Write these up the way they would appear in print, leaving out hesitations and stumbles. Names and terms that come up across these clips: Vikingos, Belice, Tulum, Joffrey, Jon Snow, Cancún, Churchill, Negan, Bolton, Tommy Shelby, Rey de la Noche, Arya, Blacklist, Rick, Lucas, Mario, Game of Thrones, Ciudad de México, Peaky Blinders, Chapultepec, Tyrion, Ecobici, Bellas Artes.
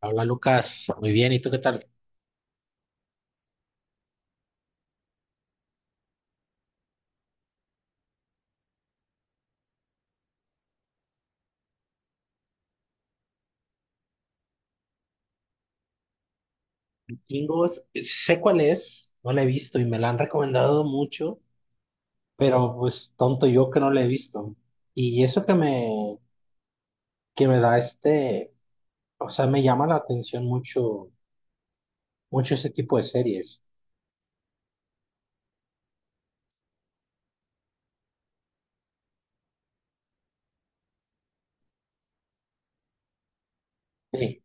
Hola Lucas, muy bien, ¿y tú qué tal? Vikingos, sé cuál es, no la he visto y me la han recomendado mucho, pero pues tonto yo que no la he visto. Y eso que me da o sea, me llama la atención mucho, mucho este tipo de series. Sí,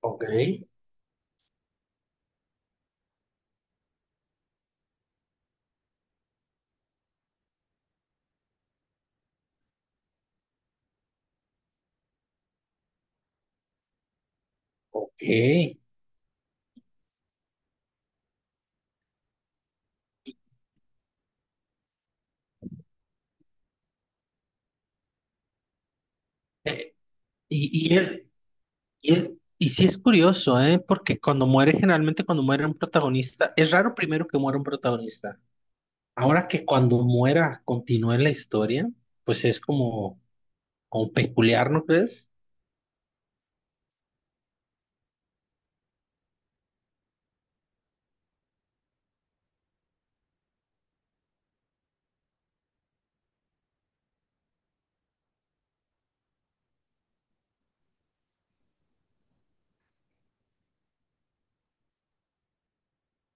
ok, ok. Y, y, el- y sí es curioso, ¿eh? Porque cuando muere, generalmente cuando muere un protagonista, es raro primero que muera un protagonista. Ahora que cuando muera continúe la historia, pues es como, como peculiar, ¿no crees?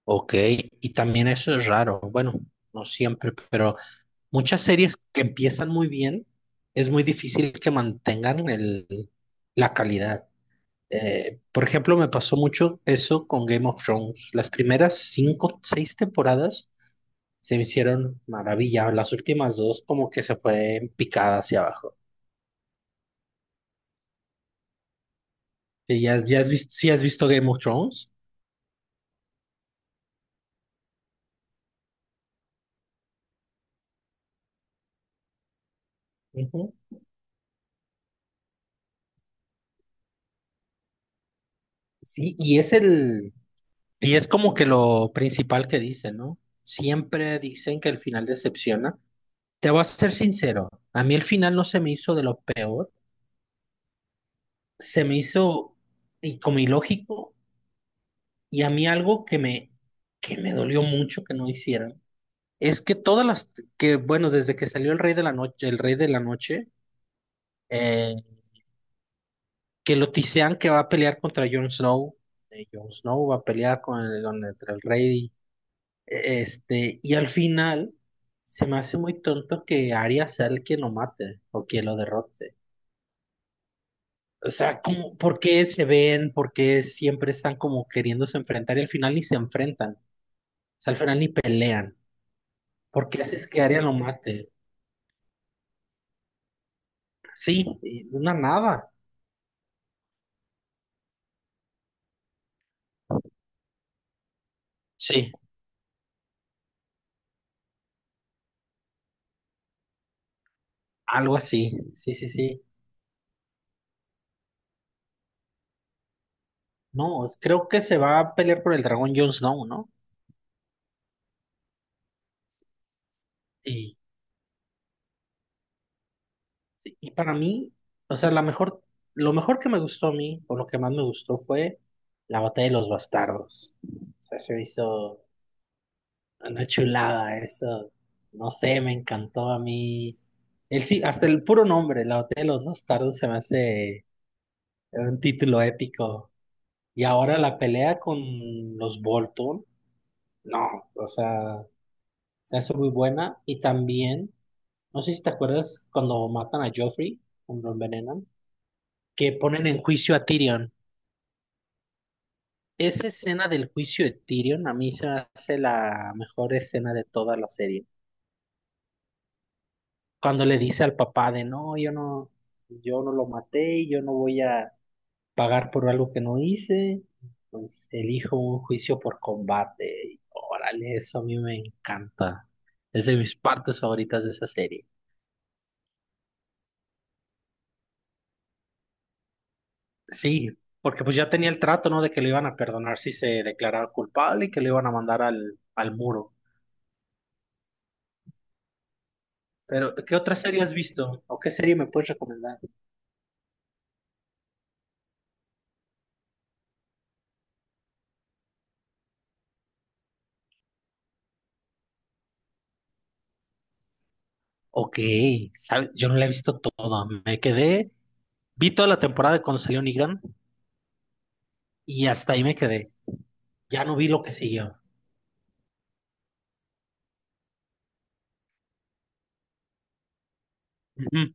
Ok, y también eso es raro. Bueno, no siempre, pero muchas series que empiezan muy bien, es muy difícil que mantengan la calidad. Por ejemplo, me pasó mucho eso con Game of Thrones. Las primeras cinco, seis temporadas se me hicieron maravilla. Las últimas dos como que se fue en picada hacia abajo. ¿Ya has visto, sí has visto Game of Thrones? Ujú. Sí, y es como que lo principal que dicen, ¿no? Siempre dicen que el final decepciona. Te voy a ser sincero, a mí el final no se me hizo de lo peor, se me hizo y como ilógico y a mí algo que me dolió mucho que no hicieran es que todas las que bueno, desde que salió el Rey de la Noche, eh, que lo tisean que va a pelear contra Jon Snow, Jon Snow va a pelear con el Rey. Este, y al final se me hace muy tonto que Arya sea el que lo mate o que lo derrote. ¿Por qué se ven? ¿Por qué siempre están como queriéndose enfrentar y al final ni se enfrentan? O sea, al final ni pelean. ¿Por qué haces que Arya lo mate? Sí, y una nada. Sí, algo así. Sí, sí, sí. No, creo que se va a pelear por el dragón Jon Snow, ¿no? Y Y para mí, o sea, la mejor, lo mejor que me gustó a mí, o lo que más me gustó fue la batalla de los bastardos. O sea, se me hizo una chulada eso. No sé, me encantó a mí. Sí, hasta el puro nombre, la batalla de los bastardos, se me hace un título épico. Y ahora la pelea con los Bolton, no, o sea, se hace muy buena. Y también, no sé si te acuerdas cuando matan a Joffrey, cuando lo envenenan, que ponen en juicio a Tyrion. Esa escena del juicio de Tyrion a mí se me hace la mejor escena de toda la serie. Cuando le dice al papá de no, yo no lo maté, y yo no voy a pagar por algo que no hice, pues elijo un juicio por combate. Y órale, eso a mí me encanta. Es de mis partes favoritas de esa serie. Sí, porque pues ya tenía el trato, ¿no? De que lo iban a perdonar si se declaraba culpable y que lo iban a mandar al muro. Pero, ¿qué otra serie has visto? ¿O qué serie me puedes recomendar? Ok, ¿sabes? Yo no la he visto toda. Vi toda la temporada cuando salió Negan y hasta ahí me quedé. Ya no vi lo que siguió. Ujú.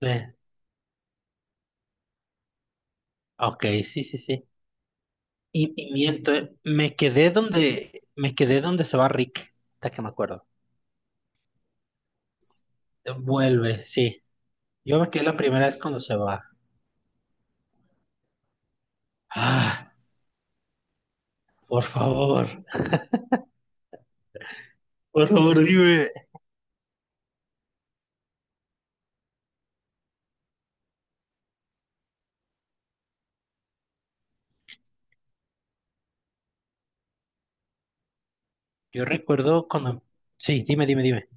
Sí, ok, sí, sí, sí. Y miento, me quedé donde se va Rick, hasta que me acuerdo. Vuelve, sí. Yo me quedé la primera vez cuando se va. Ah, por favor, por favor, dime. Yo recuerdo cuando, sí, dime, dime, dime.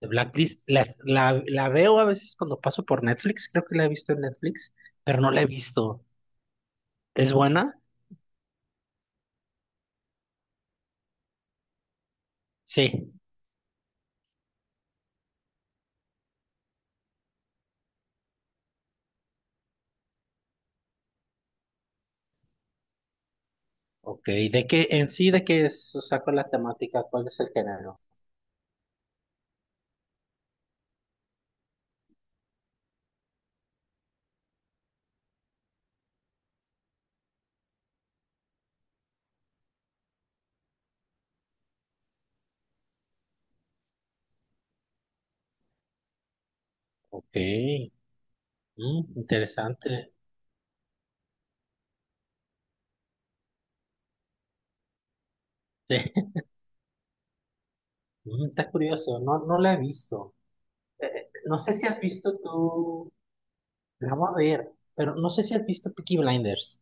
De Blacklist, la veo a veces cuando paso por Netflix, creo que la he visto en Netflix, pero no la he visto. ¿Es buena? Sí. Ok, en sí, ¿de qué es? O sea, ¿cuál es la temática? ¿Cuál es el género? Ok, mm, interesante. Sí. Mm, está curioso, no, no la he visto. No sé si has visto tú, la voy a ver, pero no sé si has visto Peaky Blinders.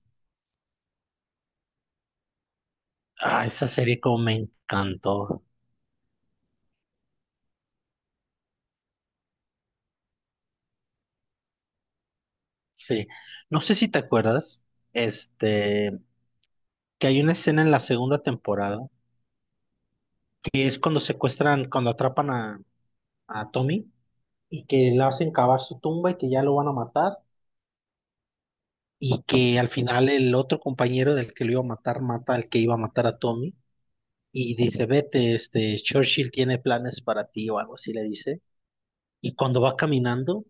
Ah, esa serie como me encantó. Sí, no sé si te acuerdas, este, que hay una escena en la segunda temporada, que es cuando secuestran, cuando atrapan a Tommy y que le hacen cavar su tumba y que ya lo van a matar y que al final el otro compañero del que lo iba a matar mata al que iba a matar a Tommy y dice, vete, este, Churchill tiene planes para ti o algo así le dice. Y cuando va caminando,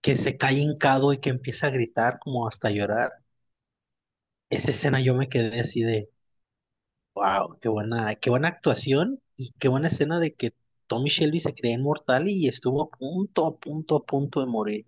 que se cae hincado y que empieza a gritar como hasta llorar. Esa escena yo me quedé así de, wow, qué buena actuación y qué buena escena de que Tommy Shelby se creía inmortal y estuvo a punto, a punto, a punto de morir.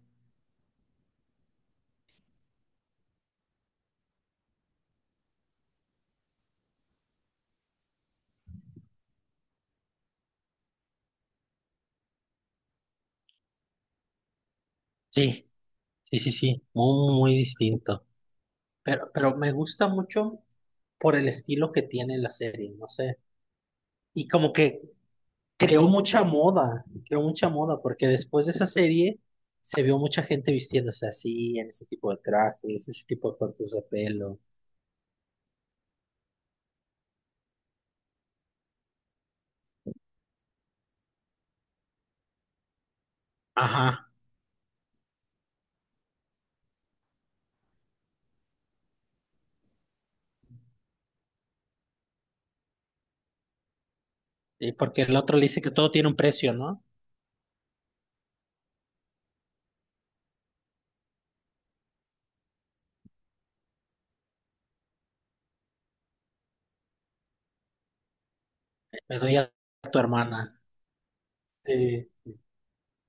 Sí, sí, sí, sí, muy, muy distinto. Pero me gusta mucho por el estilo que tiene la serie, no sé. Y como que creó mucha moda, porque después de esa serie se vio mucha gente vistiéndose así, en ese tipo de trajes, ese tipo de cortes de pelo. Ajá, y porque el otro le dice que todo tiene un precio, ¿no? Me doy a tu hermana. Eh,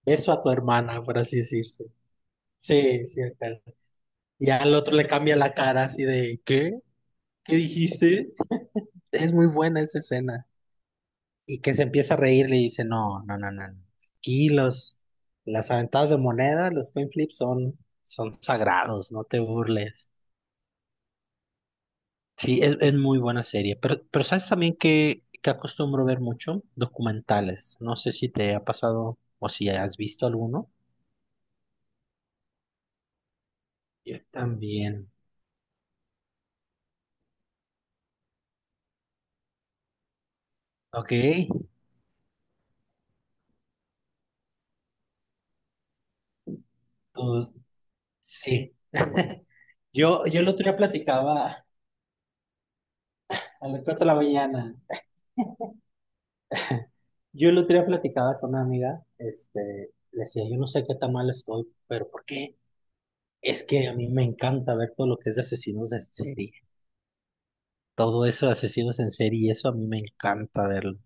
beso a tu hermana, por así decirse. Sí, sí, acá. Y al otro le cambia la cara así de, ¿qué? ¿Qué dijiste? Es muy buena esa escena. Y que se empieza a reír, le dice, no, no, no, no. Aquí los, las aventadas de moneda, los coin flips son, son sagrados, no te burles. Sí, es muy buena serie. Pero ¿sabes también que acostumbro ver mucho? Documentales. No sé si te ha pasado o si has visto alguno. Yo también. Ok, tú, sí. Yo el otro día platicaba a las 4 de la mañana. Yo el otro día platicaba con una amiga, este, le decía, yo no sé qué tan mal estoy, pero ¿por qué? Es que a mí me encanta ver todo lo que es de asesinos en serie. Todo eso de asesinos en serie, eso a mí me encanta verlo.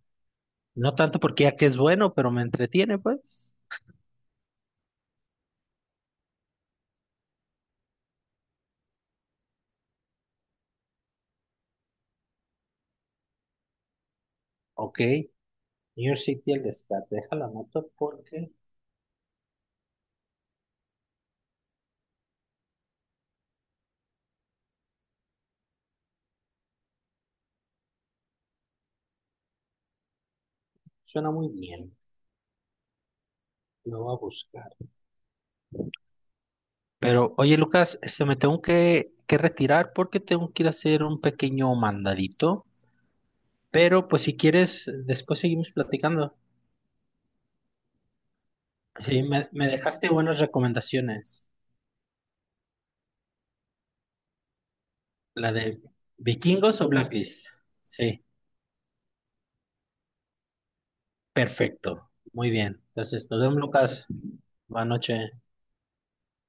No tanto porque ya que es bueno, pero me entretiene, pues. Ok, New York City, el rescate, deja la moto porque suena muy bien. Lo voy a buscar. Pero, oye, Lucas, este, me tengo que retirar porque tengo que ir a hacer un pequeño mandadito. Pero, pues, si quieres, después seguimos platicando. Sí, me dejaste buenas recomendaciones. La de Vikingos o Blacklist. Sí, perfecto. Muy bien. Entonces, nos vemos, Lucas. Buenas noches.